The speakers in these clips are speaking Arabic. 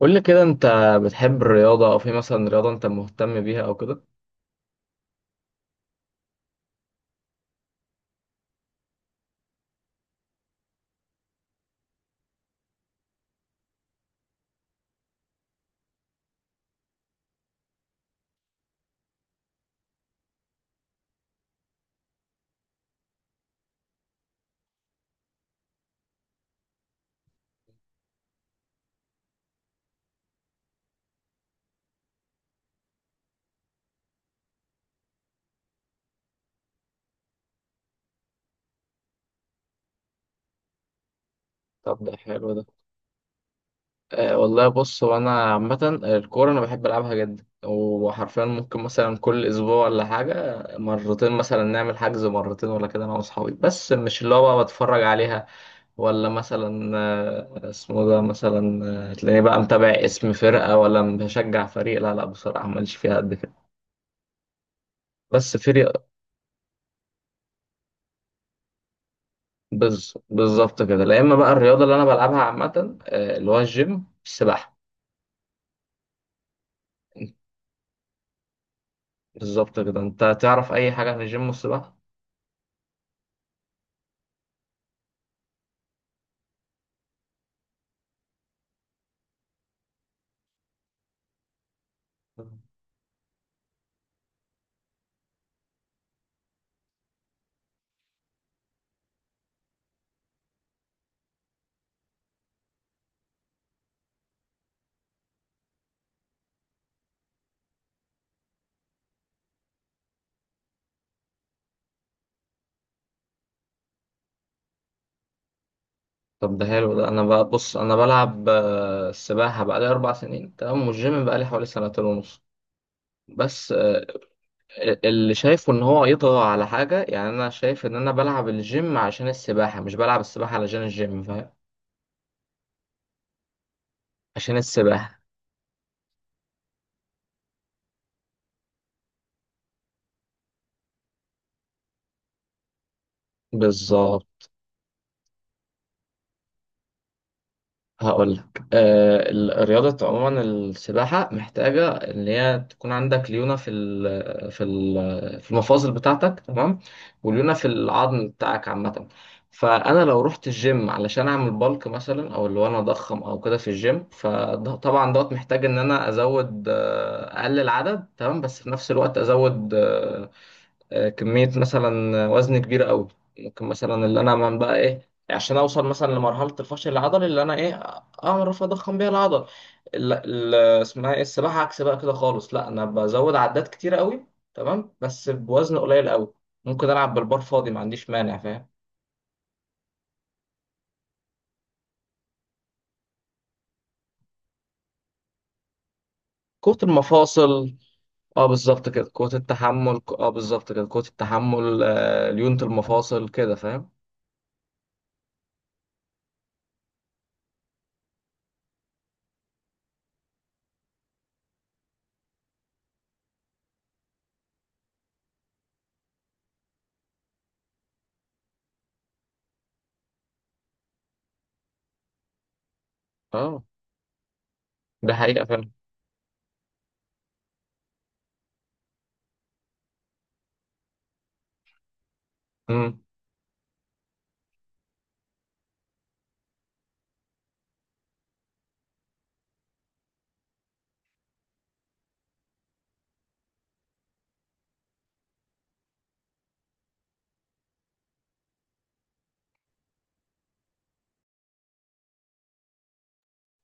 قول لي كده، انت بتحب الرياضة او في مثلا رياضة انت مهتم بيها او كده؟ طب، ده حلو ده. أه والله، بص، هو انا عامة الكورة انا بحب العبها جدا، وحرفيا ممكن مثلا كل اسبوع ولا حاجة مرتين، مثلا نعمل حجز مرتين ولا كده، انا واصحابي، بس مش اللي هو بقى بتفرج عليها. ولا مثلا اسمه ده، مثلا تلاقيني بقى متابع اسم فرقة ولا بشجع فريق. لا لا، بصراحة ماليش فيها قد كده. بس في ري- بالظبط كده. لا، اما بقى الرياضه اللي انا بلعبها عامه اللي هو الجيم، السباحه. بالظبط كده. انت تعرف اي حاجه عن الجيم والسباحه؟ طب ده حلو ده. انا بقى بص، انا بلعب السباحه بقالي 4 سنين، تمام، والجيم بقالي حوالي سنتين ونص. بس، اللي شايفه ان هو يطغى على حاجه، يعني انا شايف ان انا بلعب الجيم عشان السباحه، مش بلعب السباحه علشان الجيم، فاهم؟ عشان السباحه. بالظبط. هقول لك. الرياضة عموما، السباحة محتاجة إن هي تكون عندك ليونة في المفاصل بتاعتك، تمام. وليونة في العظم بتاعك، عامة. فأنا لو رحت الجيم علشان أعمل بالك مثلا، أو اللي هو أنا أضخم أو كده في الجيم، فطبعا دوت محتاج إن أنا أزود، أقلل عدد، تمام. بس في نفس الوقت أزود كمية مثلا وزن كبير قوي. ممكن مثلا اللي انا، من بقى ايه، عشان اوصل مثلا لمرحلة الفشل العضلي اللي انا ايه اعرف اضخم بيها العضل. ال- ال- اسمها ايه، السباحة، عكس بقى كده خالص. لا، انا بزود عدات كتير قوي، تمام، بس بوزن قليل قوي. ممكن العب بالبار فاضي، ما عنديش مانع، فاهم. قوة المفاصل. اه بالظبط كده، قوة التحمل. اه بالظبط كده، قوة التحمل، ليونة المفاصل كده، فاهم. اه. ده حقيقة فعلا.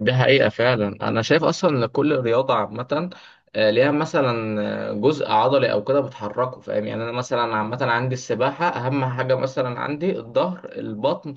دي حقيقة فعلا. أنا شايف أصلا إن كل رياضة عامة ليها مثلا جزء عضلي أو كده بتحركه، فاهم. يعني أنا مثلا، عامة، عندي السباحة أهم حاجة، مثلا عندي الظهر، البطن،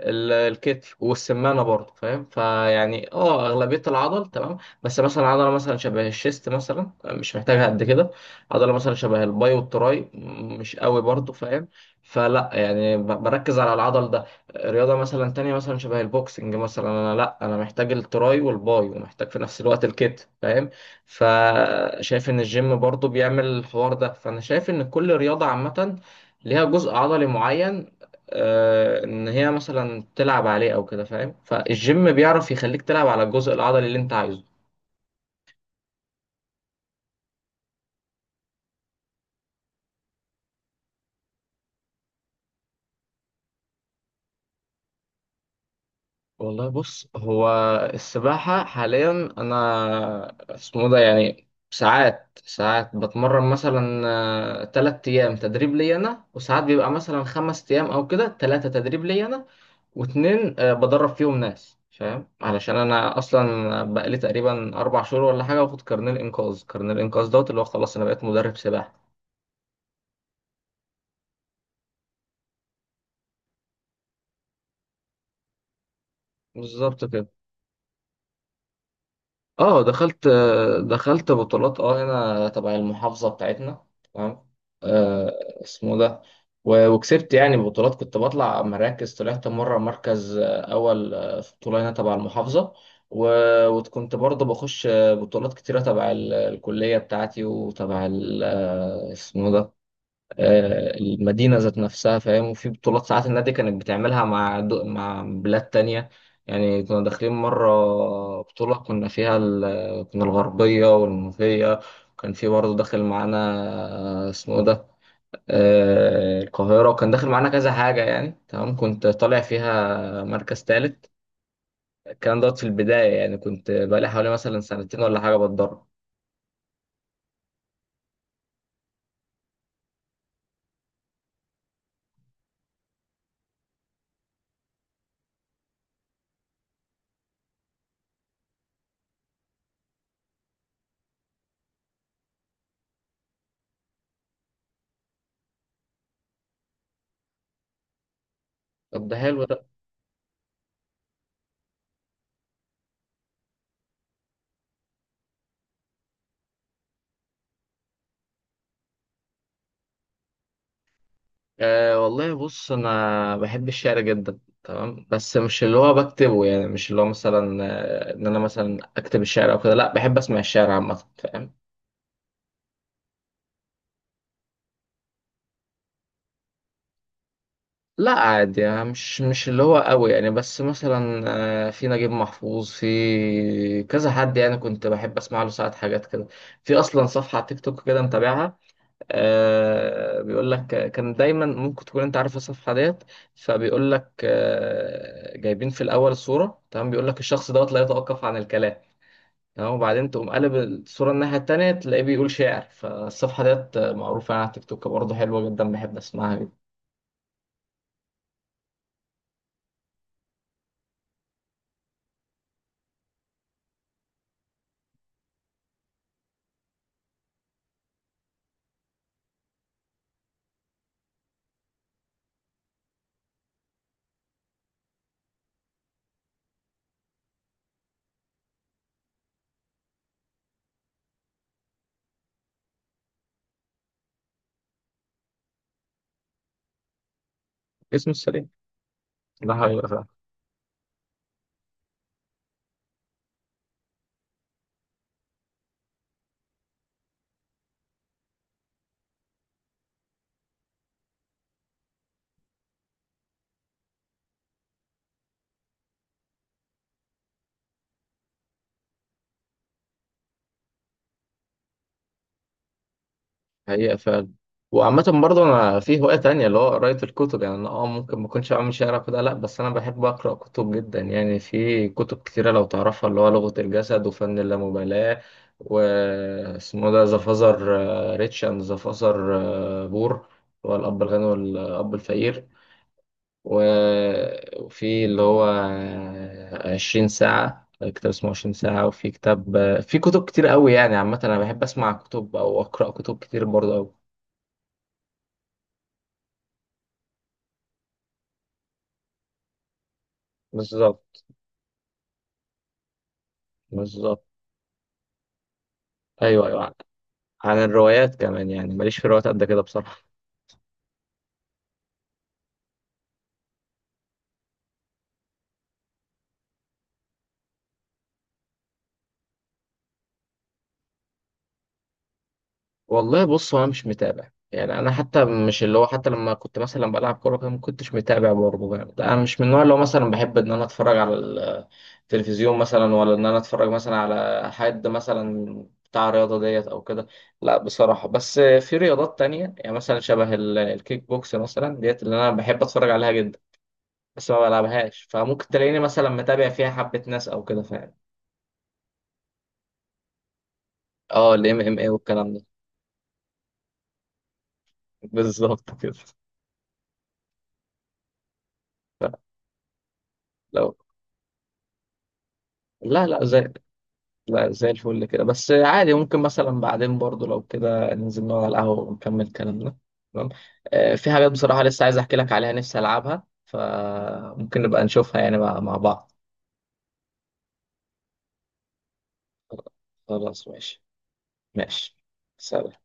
الكتف، والسمانه برضه، فاهم. فيعني، اه، اغلبيه العضل، تمام. بس مثلا عضله مثلا شبه الشيست مثلا مش محتاجها قد كده. عضله مثلا شبه الباي والتراي مش قوي برضه، فاهم. فلا يعني بركز على العضل ده. رياضه مثلا تانية مثلا شبه البوكسنج، مثلا انا، لا انا محتاج التراي والباي، ومحتاج في نفس الوقت الكتف، فاهم. فشايف ان الجيم برضه بيعمل الحوار ده. فانا شايف ان كل رياضه عامه ليها جزء عضلي معين، ان هي مثلا تلعب عليه او كده، فاهم. فالجيم بيعرف يخليك تلعب على الجزء العضلي اللي انت عايزه. والله بص، هو السباحة حاليا، انا اسمه ده، يعني ساعات ساعات بتمرن مثلا 3 ايام تدريب لي انا، وساعات بيبقى مثلا 5 ايام او كده، 3 تدريب لي انا واتنين بدرب فيهم ناس، فاهم. علشان انا اصلا بقالي تقريبا 4 شهور ولا حاجة واخد كارنيه الانقاذ، كارنيه الانقاذ دوت اللي هو خلاص انا بقيت مدرب سباحة. بالظبط كده. اه دخلت بطولات، اه، هنا تبع المحافظة بتاعتنا، تمام. آه اسمه ده. وكسبت يعني بطولات، كنت بطلع مراكز، طلعت مرة مركز أول في بطولة هنا تبع المحافظة. وكنت برضه بخش بطولات كتيرة تبع الكلية بتاعتي، وتبع اسمه ده، المدينة ذات نفسها، فاهم. وفي بطولات ساعات النادي كانت بتعملها مع مع بلاد تانية، يعني كنا داخلين مرة بطولة كنا فيها كنا الغربية والمنوفية، كان في برضه داخل معانا اسمه ده، القاهرة، وكان داخل معانا كذا حاجة يعني، تمام. كنت طالع فيها مركز تالت، الكلام دوت في البداية، يعني كنت بقالي حوالي مثلا سنتين ولا حاجة بتدرب. طب ده حلو. أه والله بص، انا بحب الشعر جدا، تمام. بس مش اللي هو بكتبه، يعني مش اللي هو مثلا ان انا مثلا اكتب الشعر او كده. لا، بحب اسمع الشعر عامه، فاهم. لا عادي، يعني مش اللي هو قوي يعني، بس مثلا في نجيب محفوظ، في كذا حد يعني كنت بحب اسمع له ساعات حاجات كده. في اصلا صفحه على تيك توك كده متابعها، بيقول لك كان دايما، ممكن تكون انت عارف الصفحه ديت. فبيقول لك جايبين في الاول صوره، تمام، بيقول لك الشخص دوت لا يتوقف عن الكلام. تمام. وبعدين تقوم قلب الصوره الناحيه التانيه، تلاقيه بيقول شعر. فالصفحه ديت معروفه على تيك توك برضه، حلوه جدا، بحب اسمعها جدا. اسمه السليم. ده حقيقة فعلا. حقيقة فعلا. وعامة برضه أنا في هواية تانية اللي هو قراية الكتب، يعني أنا، ممكن ما أكونش عامل شعر كده، لأ. بس أنا بحب أقرأ كتب جدا، يعني في كتب كتيرة لو تعرفها، اللي هو لغة الجسد، وفن اللامبالاة، واسمه ده ذا فازر ريتش أند ذا فازر بور، اللي هو الأب الغني والأب الفقير. وفي اللي هو عشرين ساعة، كتاب اسمه 20 ساعة. وفي كتاب في كتب كتير قوي، يعني عامة أنا بحب أسمع كتب أو أقرأ كتب كتير برضه أوي. بالظبط. بالظبط. ايوه، ايوه. عن الروايات كمان، يعني ماليش في الروايات قد كده بصراحه. والله بص، هو انا مش متابع، يعني انا حتى مش اللي هو، حتى لما كنت مثلا بلعب كوره كده ما كنتش متابع برضه، يعني انا مش من النوع اللي هو مثلا بحب ان انا اتفرج على التلفزيون مثلا، ولا ان انا اتفرج مثلا على حد مثلا بتاع الرياضه ديت او كده. لا بصراحه، بس في رياضات تانية، يعني مثلا شبه الكيك بوكس مثلا ديت، اللي انا بحب اتفرج عليها جدا. بس ما بلعبهاش، فممكن تلاقيني مثلا متابع فيها حبه ناس او كده، فاهم. اه، الـMMA والكلام ده. بالظبط كده. لو لا لا، زي، لا زي الفل كده. بس عادي ممكن مثلا بعدين برضو لو كده ننزل نقعد على القهوة ونكمل كلامنا، تمام. آه في حاجات بصراحة لسه عايز احكي لك عليها نفسي العبها، فممكن نبقى نشوفها يعني مع بعض. خلاص ماشي. ماشي. سلام.